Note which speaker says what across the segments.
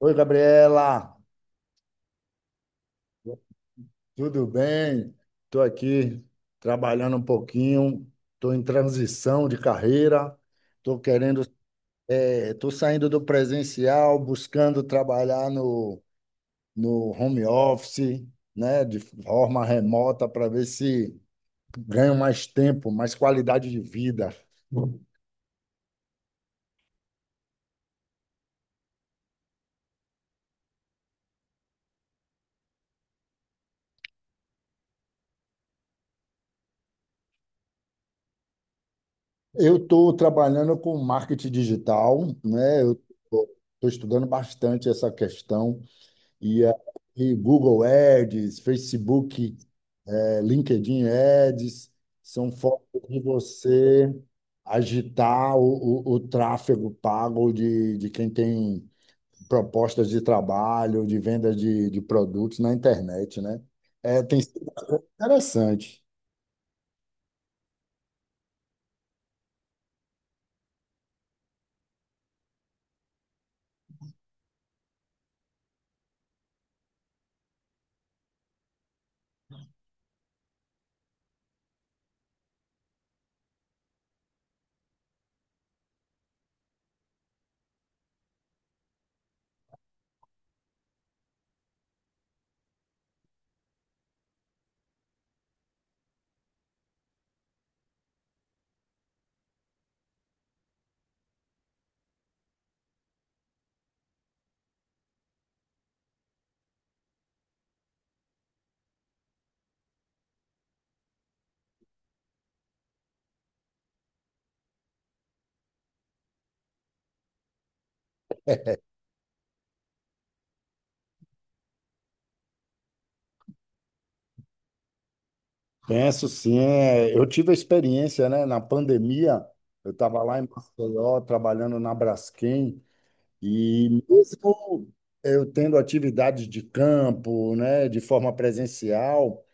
Speaker 1: Oi, Gabriela, tudo bem? Estou aqui trabalhando um pouquinho, estou em transição de carreira, estou querendo, estou saindo do presencial, buscando trabalhar no home office, né, de forma remota, para ver se ganho mais tempo, mais qualidade de vida. Eu estou trabalhando com marketing digital, né? Eu estou estudando bastante essa questão. E aí, Google Ads, Facebook, LinkedIn Ads, são formas de você agitar o tráfego pago de quem tem propostas de trabalho, de venda de produtos na internet, né? É, tem sido interessante. Penso sim, é, eu tive a experiência, né? Na pandemia, eu estava lá em Maceió, trabalhando na Braskem. E mesmo eu tendo atividades de campo, né, de forma presencial,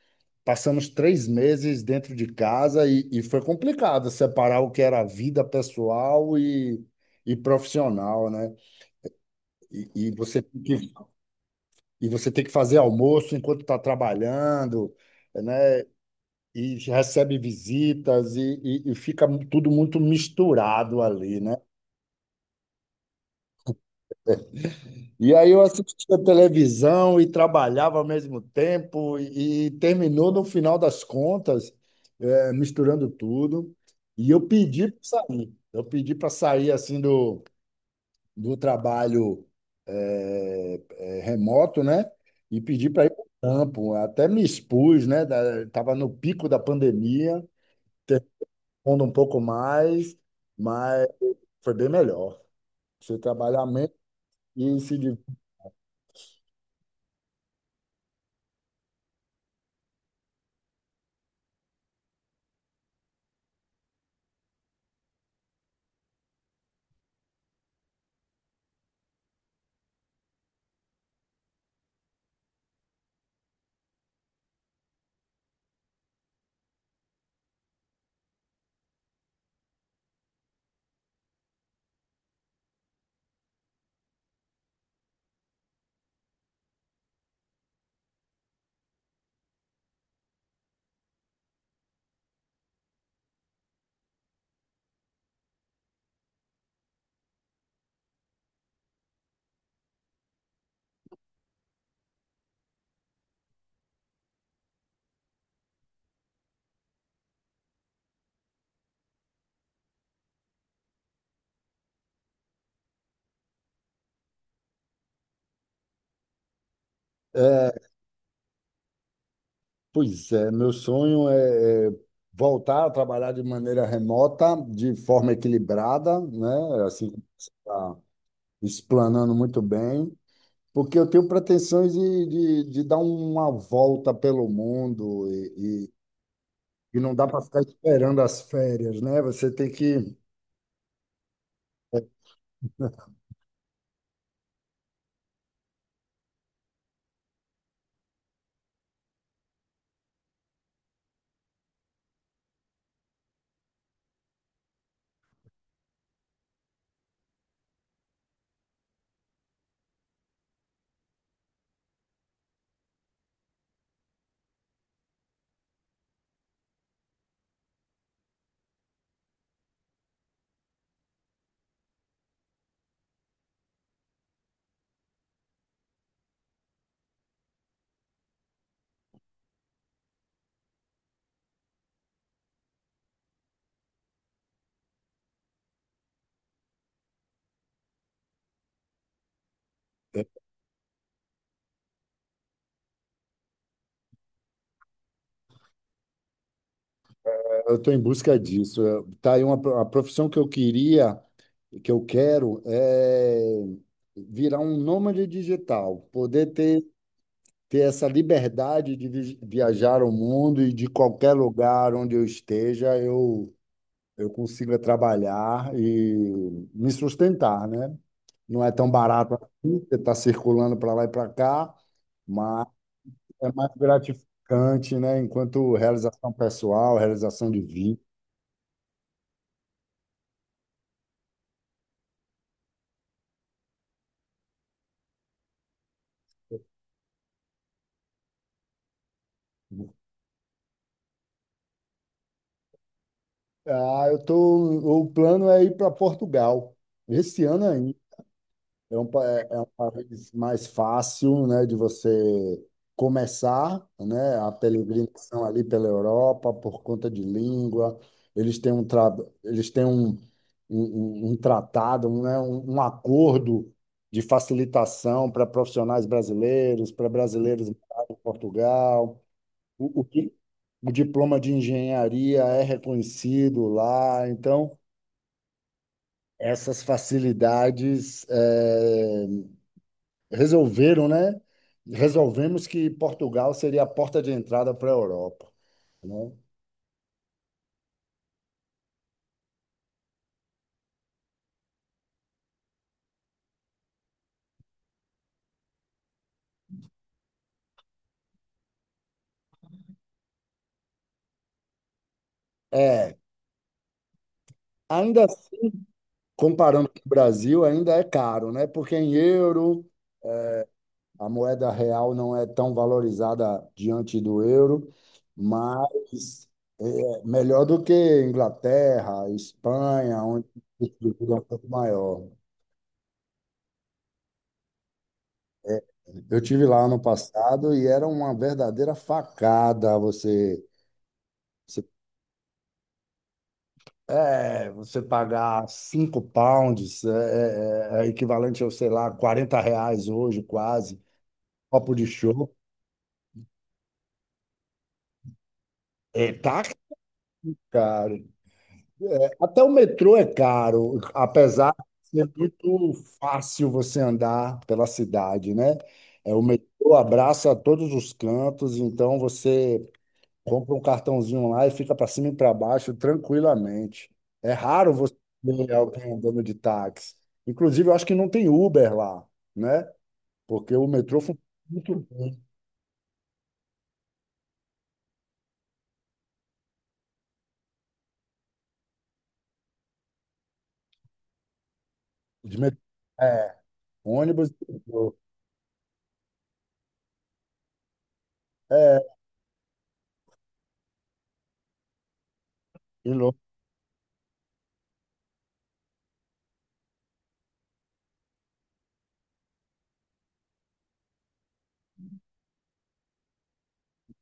Speaker 1: passamos 3 meses dentro de casa e foi complicado separar o que era a vida pessoal e profissional, né? E, e você tem que, e você tem que fazer almoço enquanto está trabalhando, né? E recebe visitas e fica tudo muito misturado ali, né? E aí eu assistia televisão e trabalhava ao mesmo tempo e terminou no final das contas, misturando tudo. E eu pedi para sair. Eu pedi para sair assim do trabalho remoto, né? E pedi para ir para o campo. Até me expus, né? Estava no pico da pandemia, terminando um pouco mais, mas foi bem melhor. Você trabalhar menos e se divertir. Pois é, meu sonho é voltar a trabalhar de maneira remota, de forma equilibrada, né? Assim como você está explanando muito bem, porque eu tenho pretensões de dar uma volta pelo mundo e não dá para ficar esperando as férias, né? Você tem que. é, Eu estou em busca disso. Tá aí a profissão que eu queria, que eu quero, é virar um nômade digital, poder ter essa liberdade de viajar o mundo e de qualquer lugar onde eu esteja, eu consiga trabalhar e me sustentar, né? Não é tão barato assim, você está circulando para lá e para cá, mas é mais gratificante, né? Enquanto realização pessoal, realização de vida. Ah, o plano é ir para Portugal, esse ano ainda. É um país mais fácil, né, de você começar, né, a peregrinação ali pela Europa por conta de língua. Eles têm um, tra... eles têm um tratado, né, um acordo de facilitação para profissionais brasileiros, para brasileiros morarem em Portugal. O, o, que- o diploma de engenharia é reconhecido lá, então essas facilidades resolveram, né? Resolvemos que Portugal seria a porta de entrada para a Europa, né? É, ainda assim, comparando com o Brasil, ainda é caro, né? Porque em euro, a moeda real não é tão valorizada diante do euro, mas é melhor do que Inglaterra, Espanha, onde o custo é um pouco maior. Eu tive lá ano passado e era uma verdadeira facada você. É, você pagar 5 pounds é equivalente a, sei lá, 40 reais hoje, quase, copo de show. É, tá caro. Até o metrô é caro, apesar de ser muito fácil você andar pela cidade, né? É, o metrô abraça todos os cantos, então você compra um cartãozinho lá e fica para cima e para baixo tranquilamente. É raro você ver alguém andando de táxi. Inclusive, eu acho que não tem Uber lá, né? Porque o metrô funciona muito bem. De met- É, ônibus e metrô. É, e lo-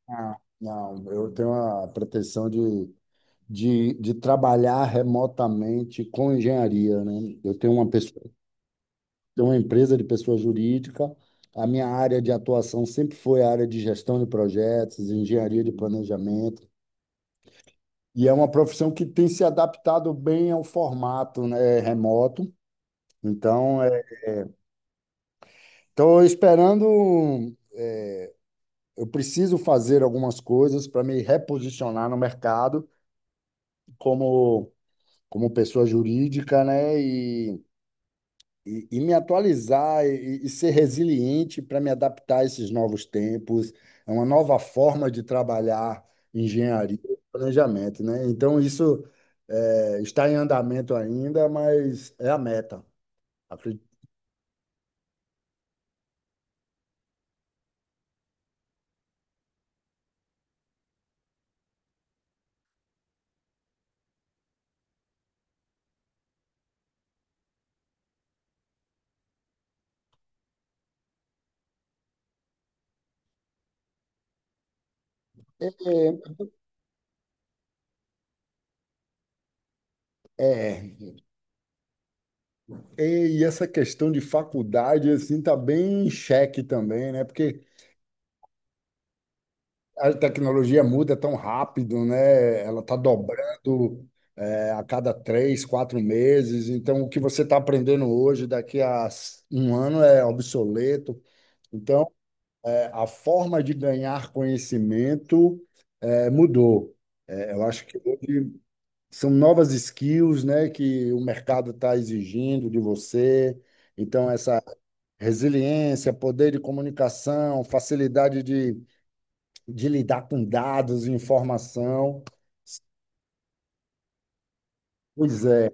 Speaker 1: não, eu tenho a pretensão de trabalhar remotamente com engenharia, né? Eu tenho uma pessoa, tenho uma empresa de pessoa jurídica. A minha área de atuação sempre foi a área de gestão de projetos, engenharia de planejamento. E é uma profissão que tem se adaptado bem ao formato, né, remoto. Então, estou esperando um eu preciso fazer algumas coisas para me reposicionar no mercado como, como pessoa jurídica, né? E me atualizar e ser resiliente para me adaptar a esses novos tempos. É uma nova forma de trabalhar engenharia e planejamento, né? Então, isso está em andamento ainda, mas é a meta. Acredito. É, é, e essa questão de faculdade assim tá bem em xeque também, né? Porque a tecnologia muda tão rápido, né? Ela está dobrando, a cada 3, 4 meses. Então, o que você está aprendendo hoje, daqui a um ano, é obsoleto. Então, a forma de ganhar conhecimento mudou. É, eu acho que hoje são novas skills, né, que o mercado está exigindo de você. Então, essa resiliência, poder de comunicação, facilidade de lidar com dados e informação. Pois é,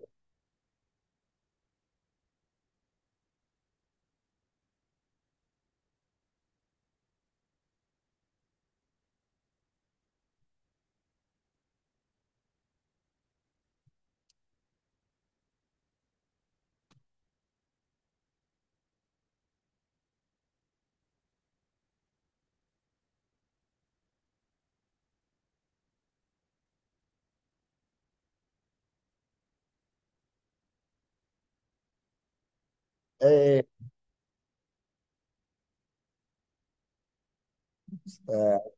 Speaker 1: é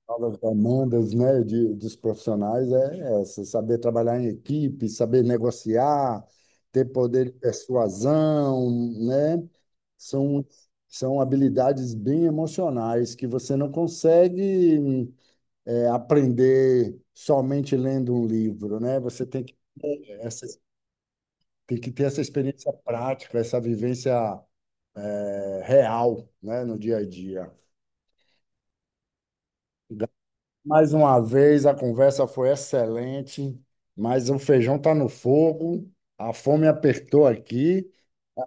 Speaker 1: uma das demandas, né, dos profissionais é essa, saber trabalhar em equipe, saber negociar, ter poder de persuasão, né? São, são habilidades bem emocionais que você não consegue aprender somente lendo um livro, né? Você tem que, essa, tem que ter essa experiência prática, essa vivência real, né, no dia a dia. Mais uma vez, a conversa foi excelente, mas o feijão está no fogo, a fome apertou aqui,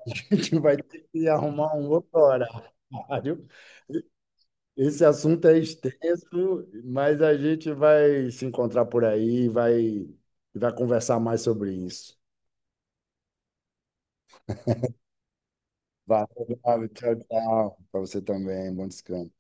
Speaker 1: a gente vai ter que arrumar um outro horário. Esse assunto é extenso, mas a gente vai se encontrar por aí, vai conversar mais sobre isso. Valeu, Gabi, tchau, tchau. Para você também, bom descanso.